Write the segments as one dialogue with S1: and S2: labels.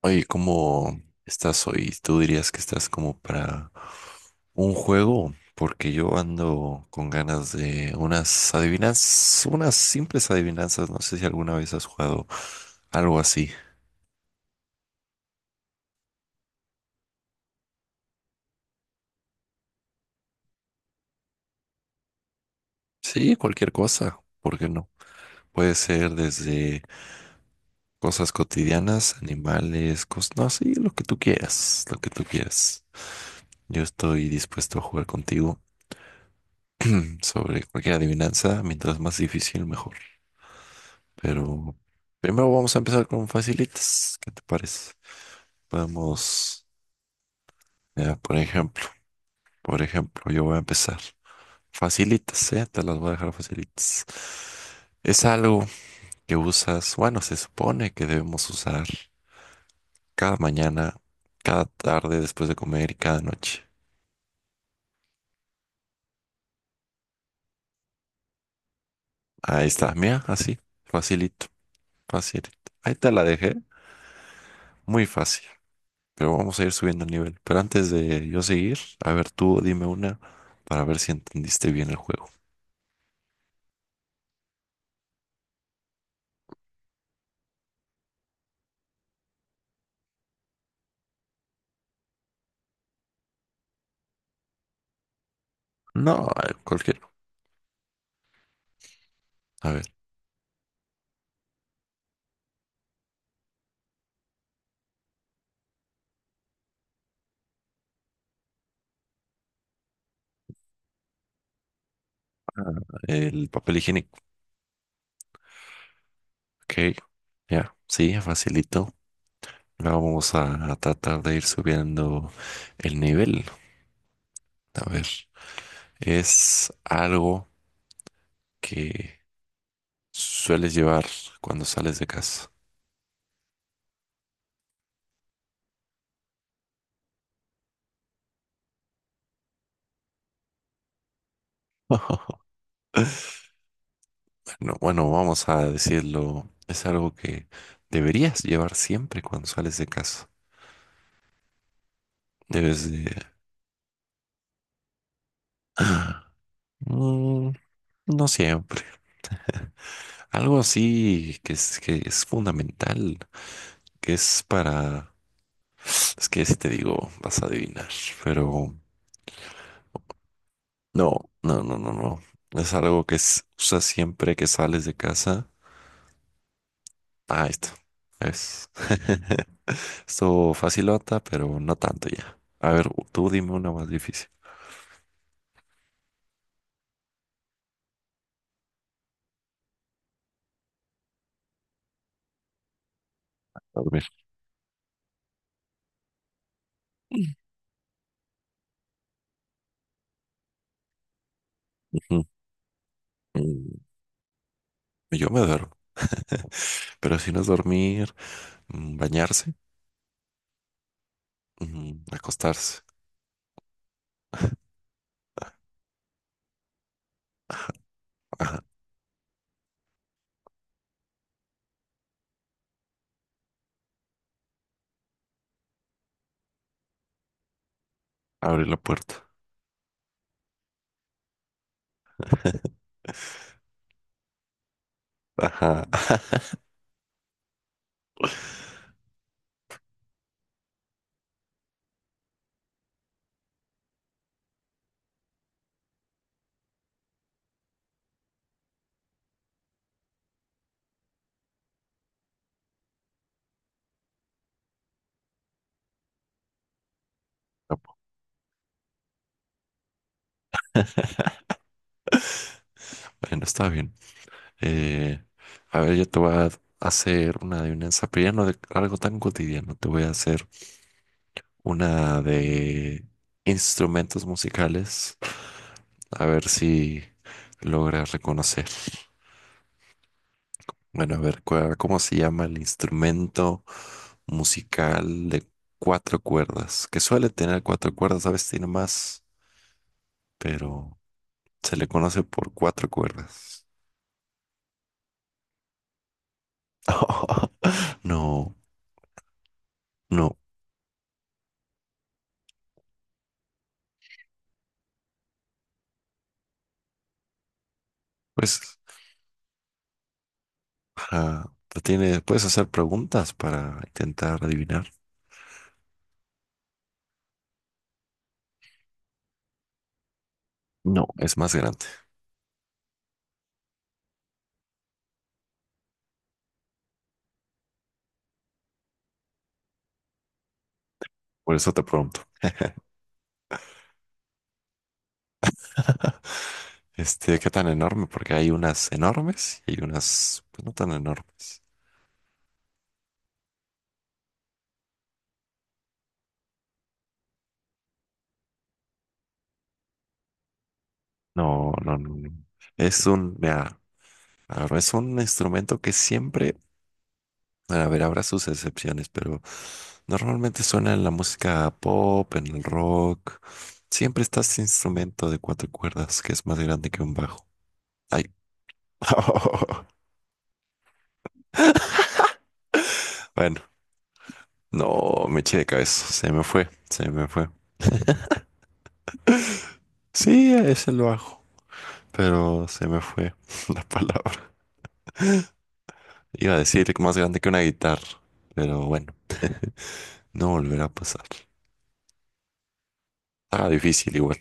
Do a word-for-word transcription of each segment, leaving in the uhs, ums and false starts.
S1: Oye, ¿cómo estás hoy? ¿Tú dirías que estás como para un juego? Porque yo ando con ganas de unas adivinanzas, unas simples adivinanzas. No sé si alguna vez has jugado algo así. Sí, cualquier cosa, ¿por qué no? Puede ser desde cosas cotidianas, animales, cosas, no, sí, lo que tú quieras, lo que tú quieras. Yo estoy dispuesto a jugar contigo sobre cualquier adivinanza, mientras más difícil, mejor. Pero primero vamos a empezar con facilitas. ¿Qué te parece? Podemos, eh, por ejemplo, por ejemplo, yo voy a empezar. Facilitas, ¿eh? Te las voy a dejar facilitas. Es algo que usas, bueno, se supone que debemos usar cada mañana, cada tarde después de comer y cada noche. Ahí está, mira, así, facilito, facilito. Ahí te la dejé, muy fácil, pero vamos a ir subiendo el nivel. Pero antes de yo seguir, a ver, tú dime una para ver si entendiste bien el juego. No, eh, cualquier. A ver, el papel higiénico. Ok, ya, sí, facilito. Ahora vamos a, a tratar de ir subiendo el nivel. A ver, es algo que sueles llevar cuando sales de casa. No, bueno, vamos a decirlo, es algo que deberías llevar siempre cuando sales de casa. Debes de mm, no siempre. Algo así que es, que es fundamental, que es para... Es que si te digo, vas a adivinar, pero no, no, no, no, no. Es algo que es, usas siempre que sales de casa. Ah, esto. Es. Esto facilota, pero no tanto ya. A ver, tú dime una más difícil. Dormir. Ujú. Mm, yo me duermo, pero si no es dormir, mm, bañarse, mm, acostarse. Abre la puerta. Ajá. Bueno, está bien. Eh, a ver, yo te voy a hacer una adivinanza, pero ya no de algo tan cotidiano. Te voy a hacer una de instrumentos musicales. A ver si logras reconocer. Bueno, a ver, cua- ¿cómo se llama el instrumento musical de cuatro cuerdas? Que suele tener cuatro cuerdas, a veces tiene más, pero se le conoce por cuatro cuerdas. No, no. Pues para- te tiene, puedes hacer preguntas para intentar adivinar. No, es más grande. Por eso te pregunto. Este, ¿qué tan enorme? Porque hay unas enormes y hay unas pues, no tan enormes. No, no, no, no. Es un, mira, a ver, es un instrumento que siempre, a ver, habrá sus excepciones, pero normalmente suena en la música pop, en el rock. Siempre está este instrumento de cuatro cuerdas que es más grande que un bajo. Hay bueno, no me eché de cabeza, se me fue, se me fue. Sí, a ese lo hago, pero se me fue la palabra. Iba a decir más grande que una guitarra, pero bueno, no volverá a pasar. Ah, difícil igual,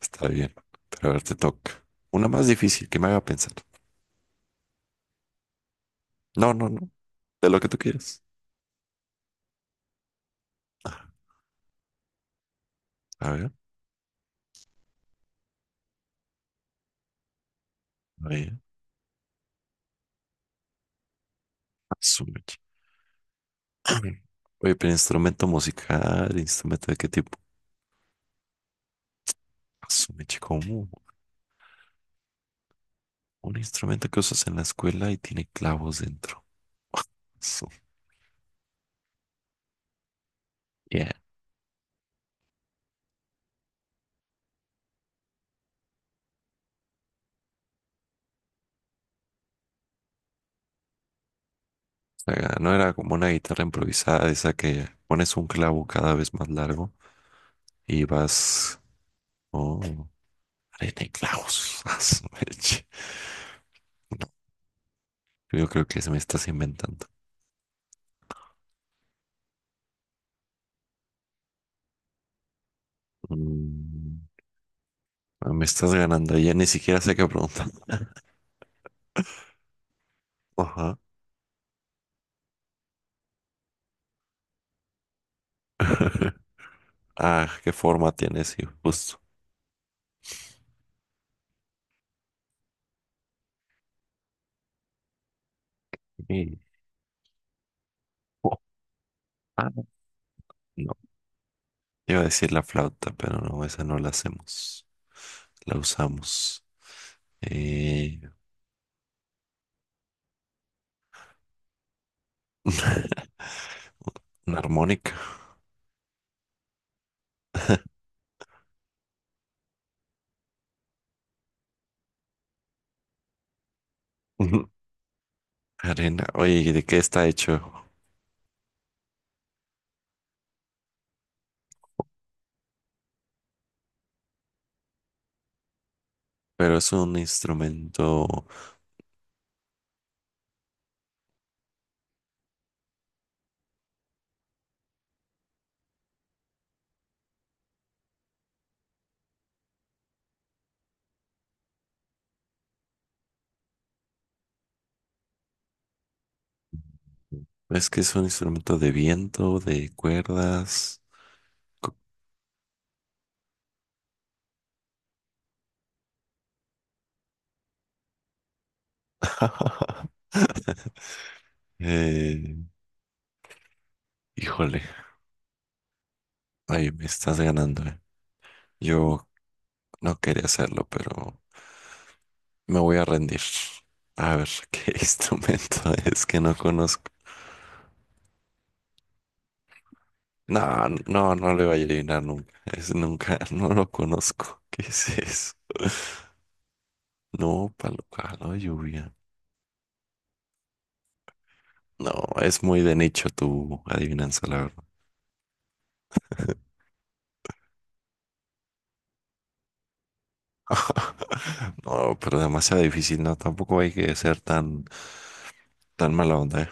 S1: está bien, pero a ver, te toca. Una más difícil que me haga pensar. No, no, no, de lo que tú quieras. A ver, a ver, oye, pero instrumento musical, ¿instrumento de qué tipo? Asume, chico, un instrumento que usas en la escuela y tiene clavos dentro. Su- yeah. O sea, no era como una guitarra improvisada, esa que pones un clavo cada vez más largo y vas. Oh, arena y clavos. A su leche. No, yo creo que se me estás inventando. Mm, ah, me estás ganando, ya ni siquiera sé qué preguntar. Ajá. Ah, ¿qué forma tiene? Sí, justo. Y- oh, ah, no. Iba a decir la flauta, pero no, esa no la hacemos. La usamos. Eh, una armónica. Arena. Oye, ¿y ¿de qué está hecho? Pero es un instrumento. Es que es un instrumento de viento, de cuerdas. Co- eh, híjole. Ay, me estás ganando, eh. Yo no quería hacerlo, pero me voy a rendir. A ver, ¿qué instrumento es que no conozco? No, no, no le voy a adivinar nunca. Es nunca, no lo conozco. ¿Qué es eso? No, palo caldo de lluvia. No, es muy de nicho tu adivinanza, la verdad. No, pero demasiado difícil, ¿no? Tampoco hay que ser tan, tan mala onda, ¿eh?